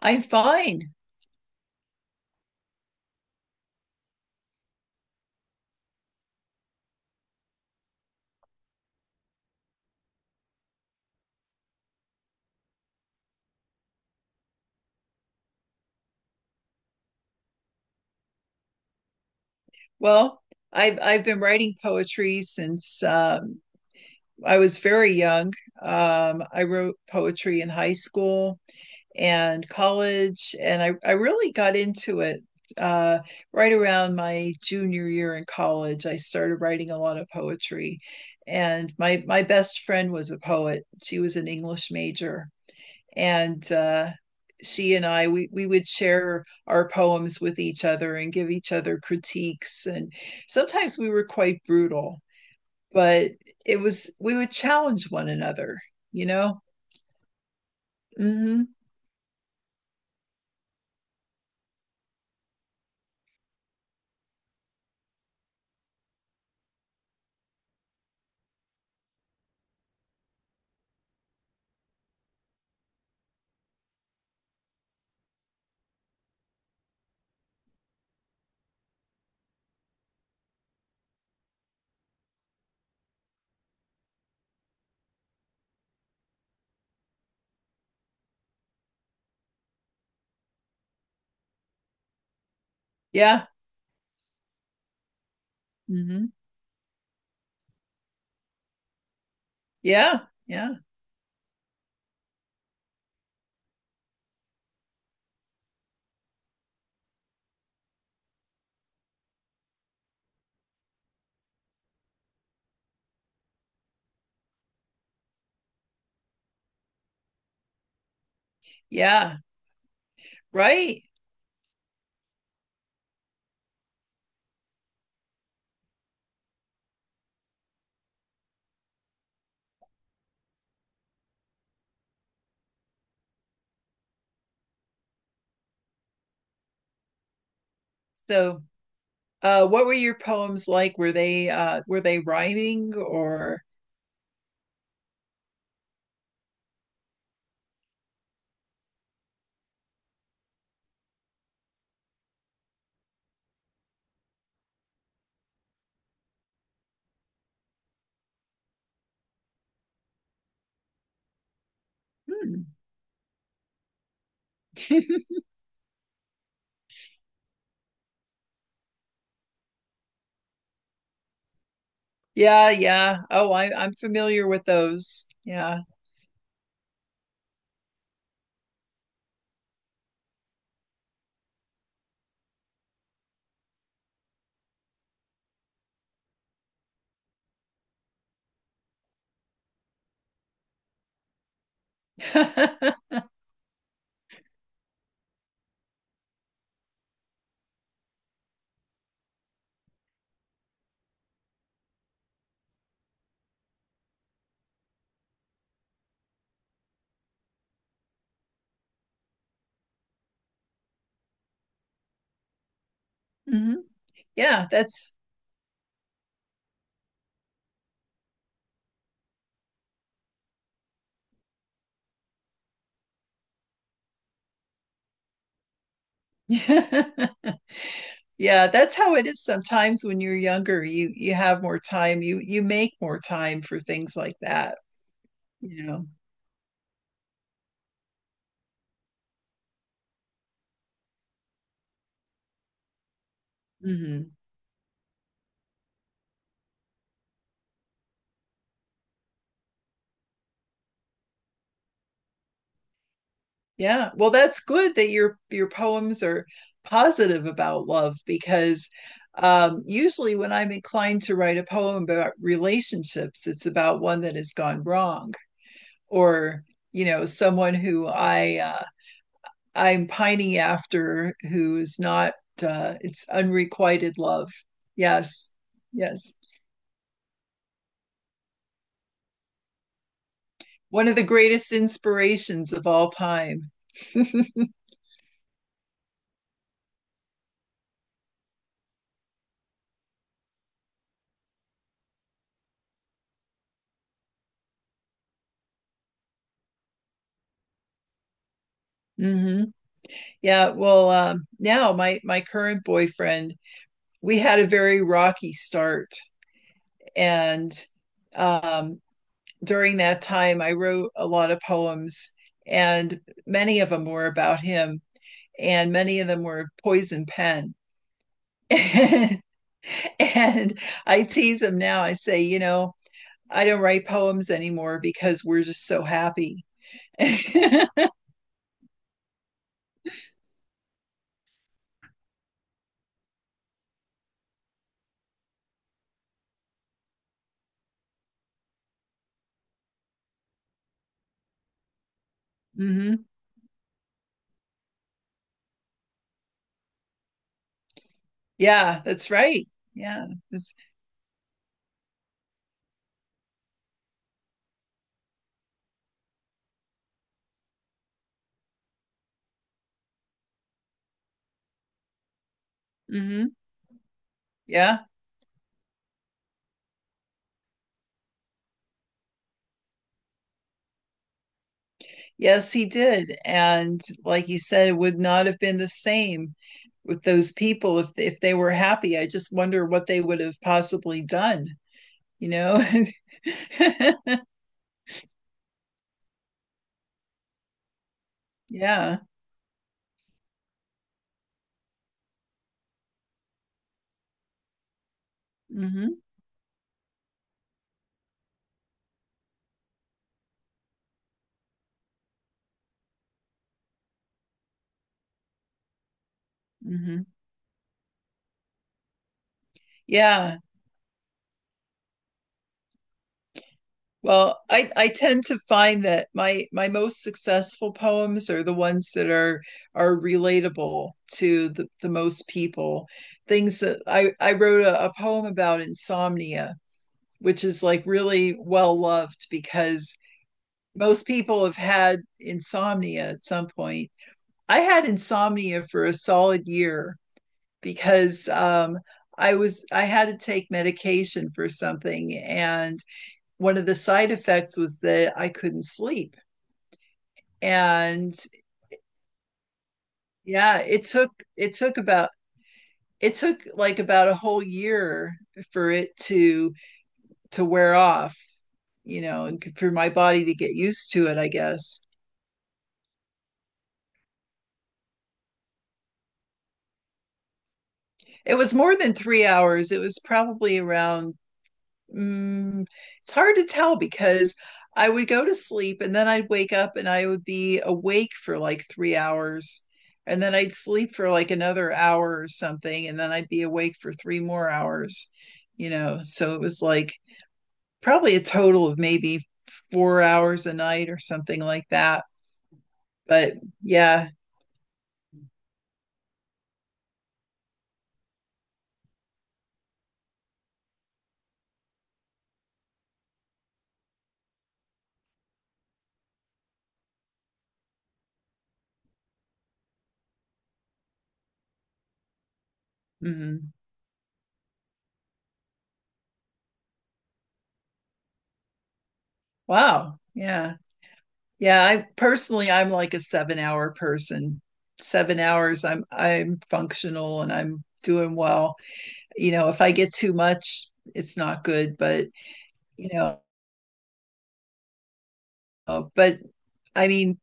I'm fine. Well, I've been writing poetry since I was very young. I wrote poetry in high school and college, and I really got into it uh, right around my junior year in college. I started writing a lot of poetry, and my best friend was a poet. She was an English major, and she and I we would share our poems with each other and give each other critiques, and sometimes we were quite brutal, but it was we would challenge one another you know mm-hmm. Yeah. Mm-hmm. Yeah, yeah, yeah. Right. So what were your poems like? Were they rhyming, or? Hmm. Yeah, yeah. Oh, I'm familiar with those. Yeah. Hmm. Yeah, that's. Yeah, that's how it is sometimes when you're younger. You have more time. You make more time for things like that, you know. Hmm. Yeah. Well, that's good that your poems are positive about love because usually when I'm inclined to write a poem about relationships, it's about one that has gone wrong, or, someone who I I'm pining after who is not, it's unrequited love. Yes, yes. One of the greatest inspirations of all time. Hmm. Yeah, well, now my current boyfriend, we had a very rocky start, and um, during that time, I wrote a lot of poems, and many of them were about him, and many of them were poison pen. And I tease him now. I say, I don't write poems anymore because we're just so happy. Mm-hmm. Yeah, that's right. Yeah. That's. Mm-hmm. Yeah. Yes, he did. And like you said, it would not have been the same with those people if they were happy. I just wonder what they would have possibly done, you know? Yeah. Hmm. Hmm. Yeah. Well, I tend to find that my most successful poems are the ones that are relatable to the most people. Things that I wrote a poem about insomnia, which is like really well loved because most people have had insomnia at some point. I had insomnia for a solid year because I had to take medication for something, and one of the side effects was that I couldn't sleep. And yeah, it took about it took like about a whole year for it to wear off, and for my body to get used to it, I guess. It was more than 3 hours. It was probably around, mm, it's hard to tell because I would go to sleep, and then I'd wake up and I would be awake for like 3 hours. And then I'd sleep for like another hour or something. And then I'd be awake for three more hours. So it was like probably a total of maybe 4 hours a night or something like that. But yeah. Mhm. Wow. Yeah. Yeah, I personally, I'm like a 7 hour person. 7 hours, I'm functional and I'm doing well. If I get too much, it's not good. But you know, uh, but I mean,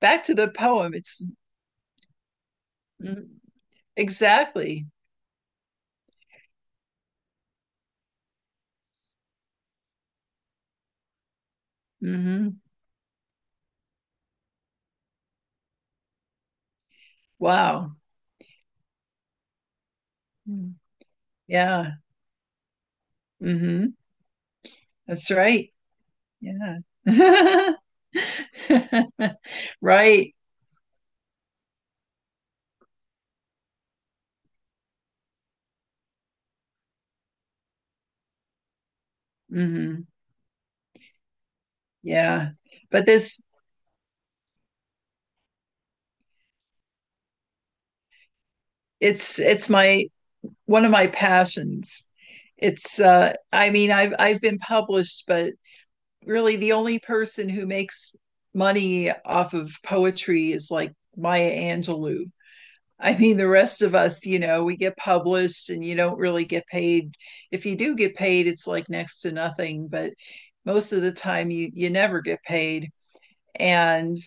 back to the poem. It's mm, exactly. Hmm. Wow. Mm. Yeah. Hmm. That's right. Yeah. Right. Hmm. Yeah. But this, it's my one of my passions. It's I mean, I've been published, but really, the only person who makes money off of poetry is like Maya Angelou. I mean, the rest of us, we get published and you don't really get paid. If you do get paid, it's like next to nothing, but most of the time you never get paid. And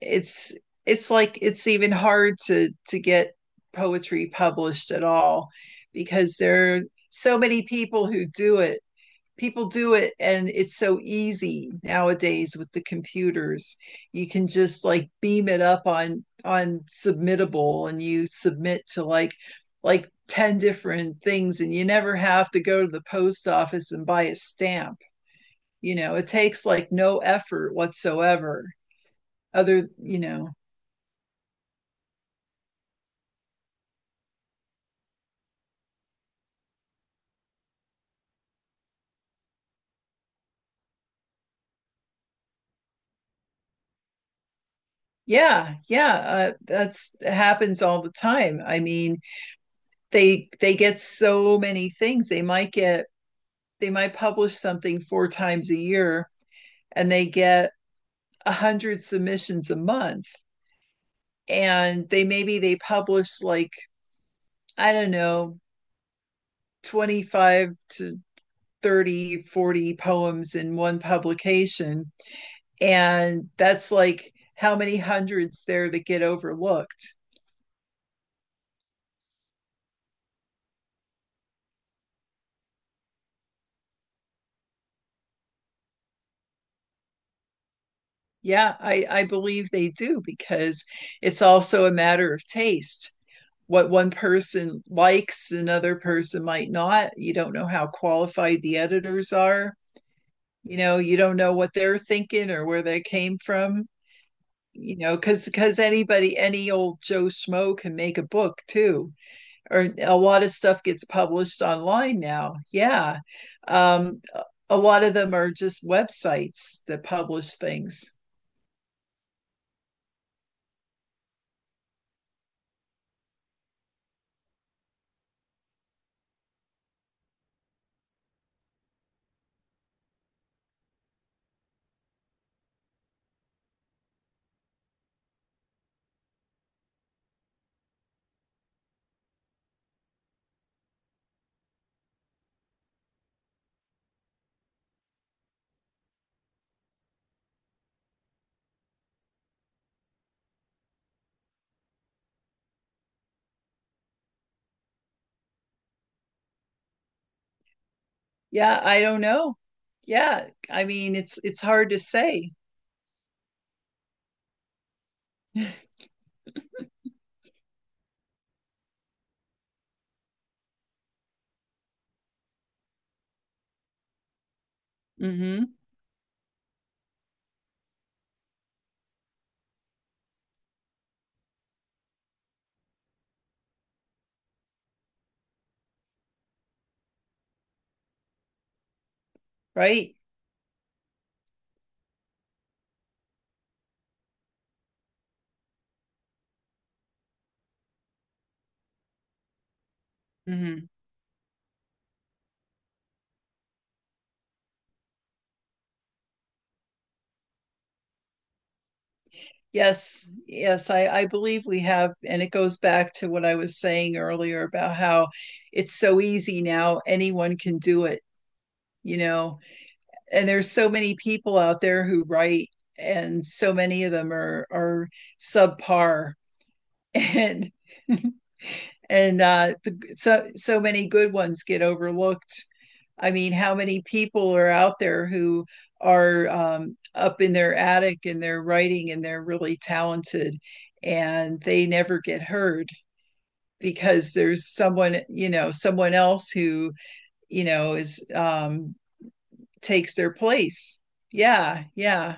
it's it's like it's even hard to get poetry published at all because there are so many people who do it. People do it, and it's so easy nowadays with the computers. You can just like beam it up on submittable, and you submit to like 10 different things, and you never have to go to the post office and buy a stamp. It takes like no effort whatsoever. Other. Yeah, yeah. That's happens all the time. I mean, they get so many things. They might publish something four times a year, and they get 100 submissions a month, and they maybe they publish like I don't know, 25 to 30, 40 poems in one publication. And that's like how many hundreds there that get overlooked. Yeah, I believe they do because it's also a matter of taste. What one person likes, another person might not. You don't know how qualified the editors are. You know, you don't know what they're thinking or where they came from. Because anybody, any old Joe Schmo, can make a book too. Or a lot of stuff gets published online now, yeah. um a lot of them are just websites that publish things. Yeah, I don't know. Yeah, I mean, it's hard to say. Mm-hmm. Right. Hmm. Yes. Yes. I believe we have, and it goes back to what I was saying earlier about how it's so easy now. Anyone can do it, you know, and there's so many people out there who write, and so many of them are subpar. And and the, so so many good ones get overlooked. I mean, how many people are out there who are up in their attic and they're writing and they're really talented and they never get heard because there's someone else who, you know, is takes their place. Yeah, yeah.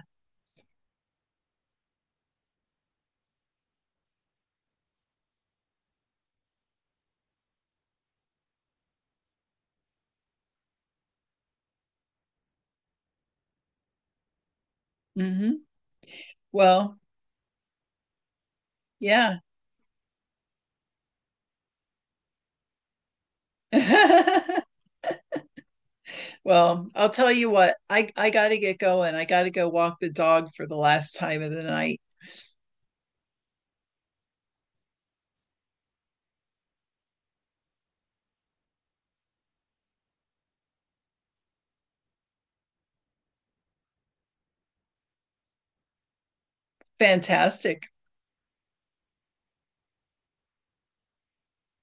Hmm. Well, yeah. Well, I'll tell you what, I gotta get going. I gotta go walk the dog for the last time of the night. Fantastic.